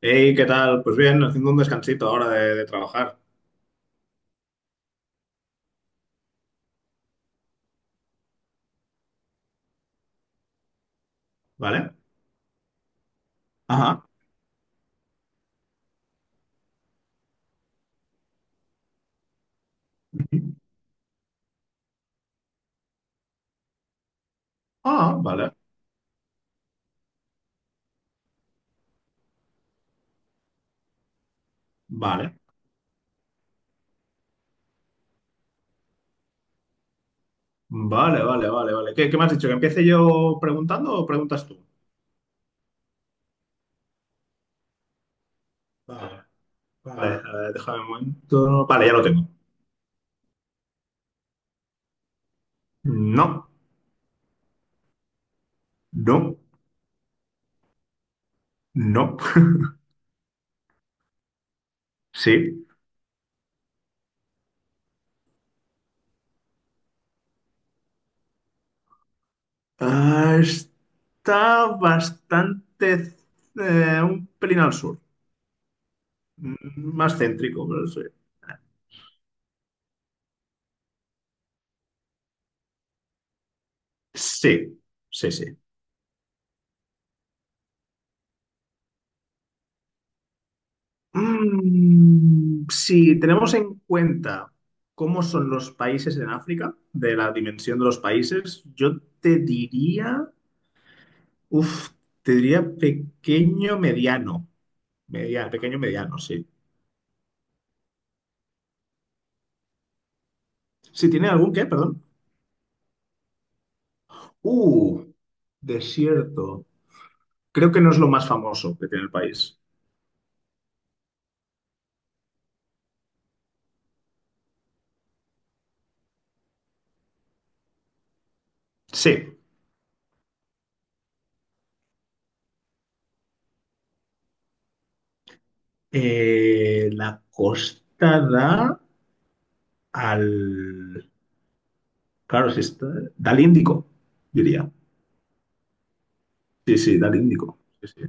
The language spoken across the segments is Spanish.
Hey, ¿qué tal? Pues bien, haciendo un descansito ahora de trabajar, ¿vale? Ajá. Ah, vale, vale, vale, vale, vale, vale. ¿Qué me has dicho? ¿Que empiece yo preguntando o preguntas tú? Vale, vale, a ver, déjame un momento. Vale, ya lo tengo. No, no, no. Sí. Ah, está bastante, un pelín al sur. Más céntrico, pero sí. Sí, sí, sí. Mm, si tenemos en cuenta cómo son los países en África, de la dimensión de los países, yo te diría, uff, te diría pequeño mediano. Media- pequeño mediano, sí. Si tiene algún qué, perdón. Uh, desierto. Creo que no es lo más famoso que tiene el país. Sí. La costa da al. Claro, sí está. Da al Índico, diría. Sí, sí, del Índico. Sí, sí.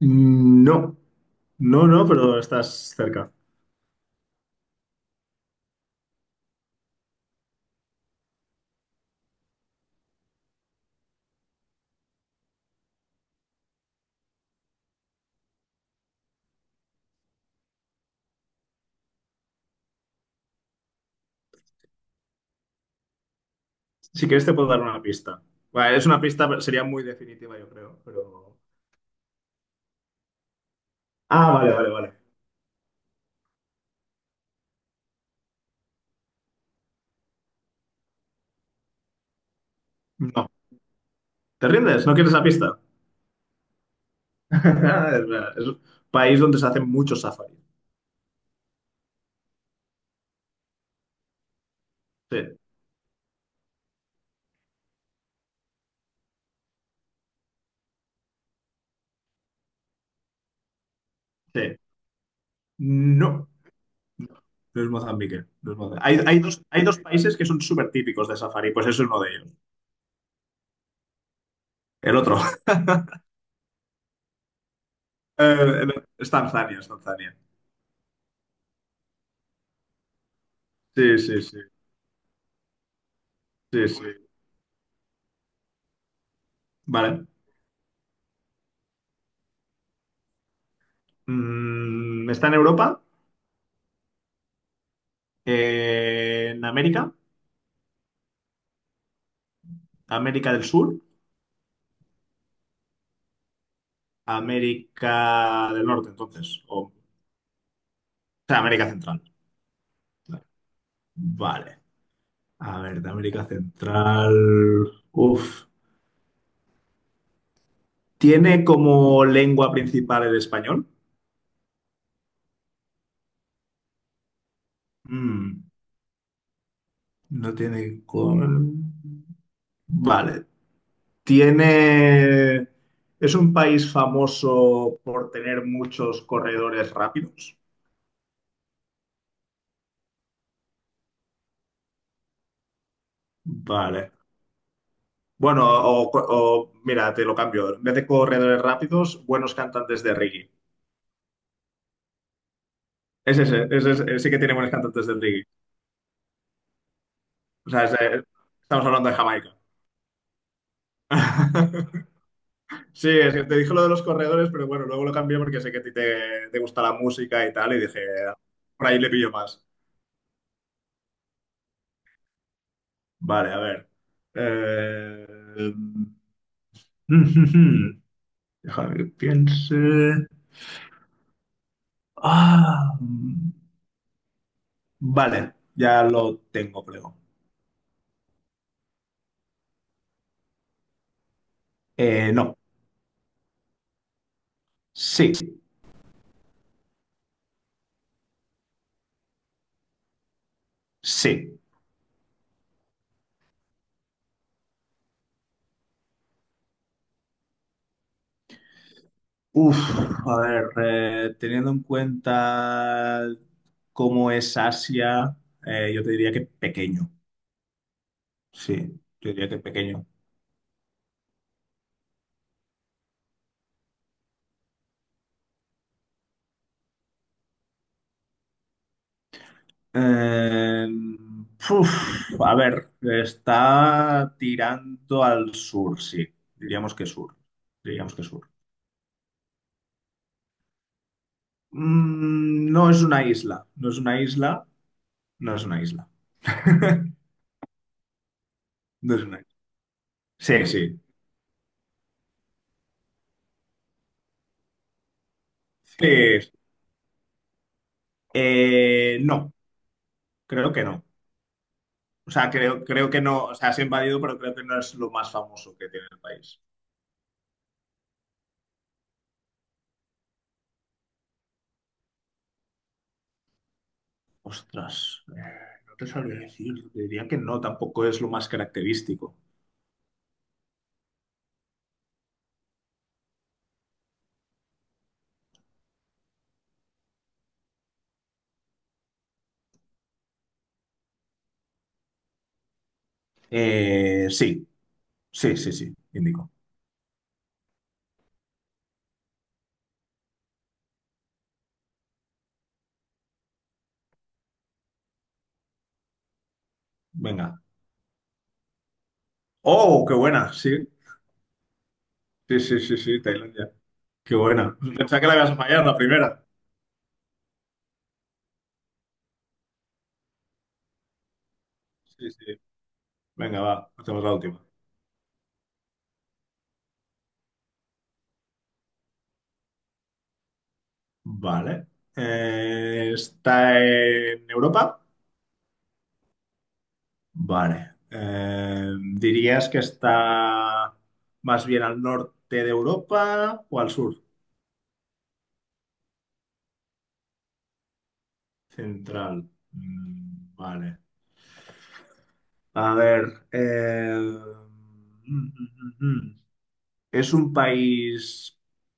No, no, no, pero estás cerca. Si quieres te puedo dar una pista. Bueno, es una pista, pero sería muy definitiva, yo creo, pero... Ah, vale, vale, vale. No, ¿te rindes? ¿No quieres la pista? Es verdad, es un país donde se hacen muchos safaris. Sí, sí. No, no es Mozambique. No es Mozambique. Hay dos, hay dos países que son súper típicos de safari, pues eso es uno de ellos. El otro. Eh, es Tanzania, es Tanzania. Sí, sí, sí, sí, sí. Vale. Mm, está en Europa, en América, América del Sur, América del Norte, entonces, o sea, América Central. Vale, a ver, de América Central. Uf, ¿tiene como lengua principal el español? Mm, no tiene con... Vale, tiene... ¿Es un país famoso por tener muchos corredores rápidos? Vale. Bueno, o- mira, te lo cambio. En vez de corredores rápidos, buenos cantantes de reggae. Es ese, sí que tiene buenos cantantes de reggae. O sea, es, estamos hablando de Jamaica. Sí, es que te dije lo de los corredores, pero bueno, luego lo cambié porque sé que a ti te gusta la música y tal, y dije, por ahí le pillo más. Vale, a ver. Eh, Déjame que piense. Ah, vale, ya lo tengo, creo. No, sí. Sí. Uf, a ver, teniendo en cuenta cómo es Asia, yo te diría que pequeño. Sí, yo diría que pequeño. Eh, Uf, a ver, está tirando al sur, sí. Diríamos que sur. Diríamos que sur. Mm, no es una isla. No es una isla. No es una isla. No es una isla. Sí, sí. Sí. No, creo que no. O sea, creo que no, o sea, es invadido, pero creo que no es lo más famoso que tiene el país. Ostras, no te sabría decir, te diría que no, tampoco es lo más característico. Sí, sí, sí, sí, indico. Venga. Oh, qué buena, sí, sí, sí, sí, sí, Tailandia. Qué buena. Pensaba que la ibas a fallar la primera. Sí, sí. Venga, va, hacemos la última. Vale. ¿Está en Europa? Vale. ¿Dirías que está más bien al norte de Europa o al sur? Central. Mm, vale. A ver. Mm, mm, mm, mm. Es un país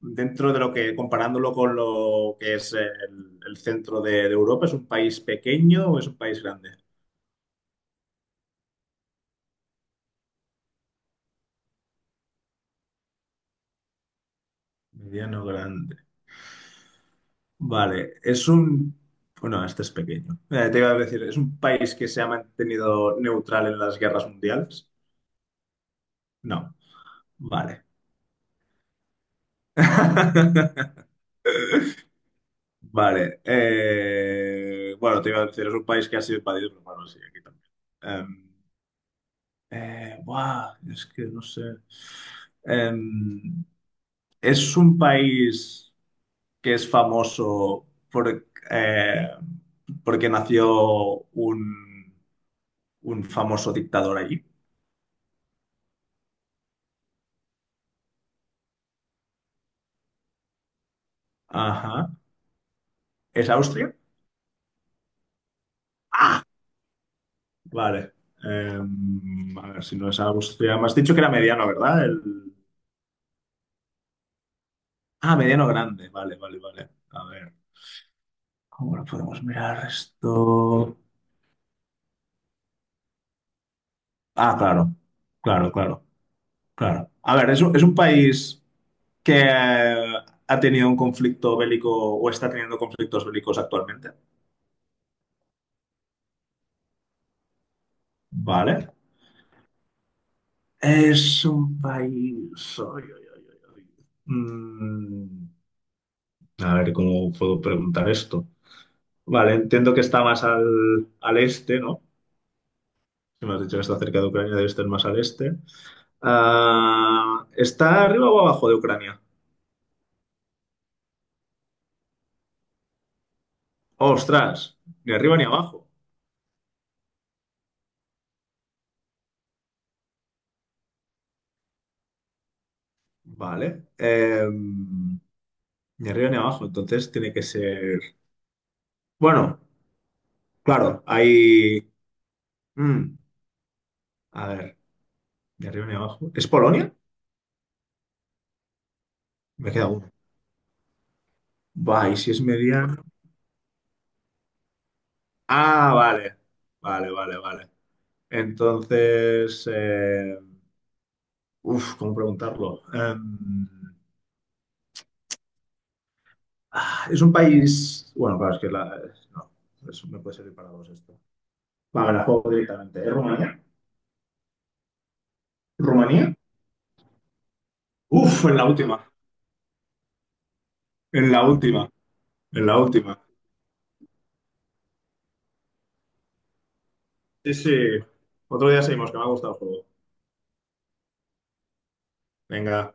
dentro de lo que, comparándolo con lo que es el centro de Europa, ¿es un país pequeño o es un país grande? Mediano grande. Vale, es un... Bueno, este es pequeño. Te iba a decir, ¿es un país que se ha mantenido neutral en las guerras mundiales? No. Vale. Vale. Bueno, te iba a decir, es un país que ha sido invadido, pero bueno, sí, aquí también. Em, buah, es que no sé. Em, es un país que es famoso por, eh, porque nació un, un famoso dictador allí. Ajá. ¿Es Austria? ¡Ah! Vale. Em, a ver, si no es Austria. Me has dicho que era mediano, ¿verdad? El... Ah, mediano grande. Vale, vale, vale. A ver. ¿Cómo lo podemos mirar esto? Ah, claro. Claro, claro, claro. A ver, es un país que ha tenido un conflicto bélico o está teniendo conflictos bélicos actualmente. Vale. Es un país. Ay, ay, ay, ay, ay. Mm, a ver, ¿cómo puedo preguntar esto? Vale, entiendo que está más al este, ¿no? Si me has dicho que está cerca de Ucrania, debe estar más al este. Ah, ¿está arriba o abajo de Ucrania? ¡Ostras! Ni arriba ni abajo. Vale. Em, ni arriba ni abajo, entonces tiene que ser... Bueno, claro, hay... mm, a ver, ni arriba ni abajo. ¿Es Polonia? Me queda uno. Va, y si es mediano... Ah, vale. Vale, vale, vale. Entonces... em, Uf, ¿cómo preguntarlo? Em, ah, es un país. Bueno, claro, es que la. No, eso me puede servir para dos esto. Vale, la juego directamente. ¿Es Rumanía? ¿Rumanía? Uf, en la última. En la última. En la última. Sí, sí. Otro día seguimos, que me ha gustado el juego. Venga.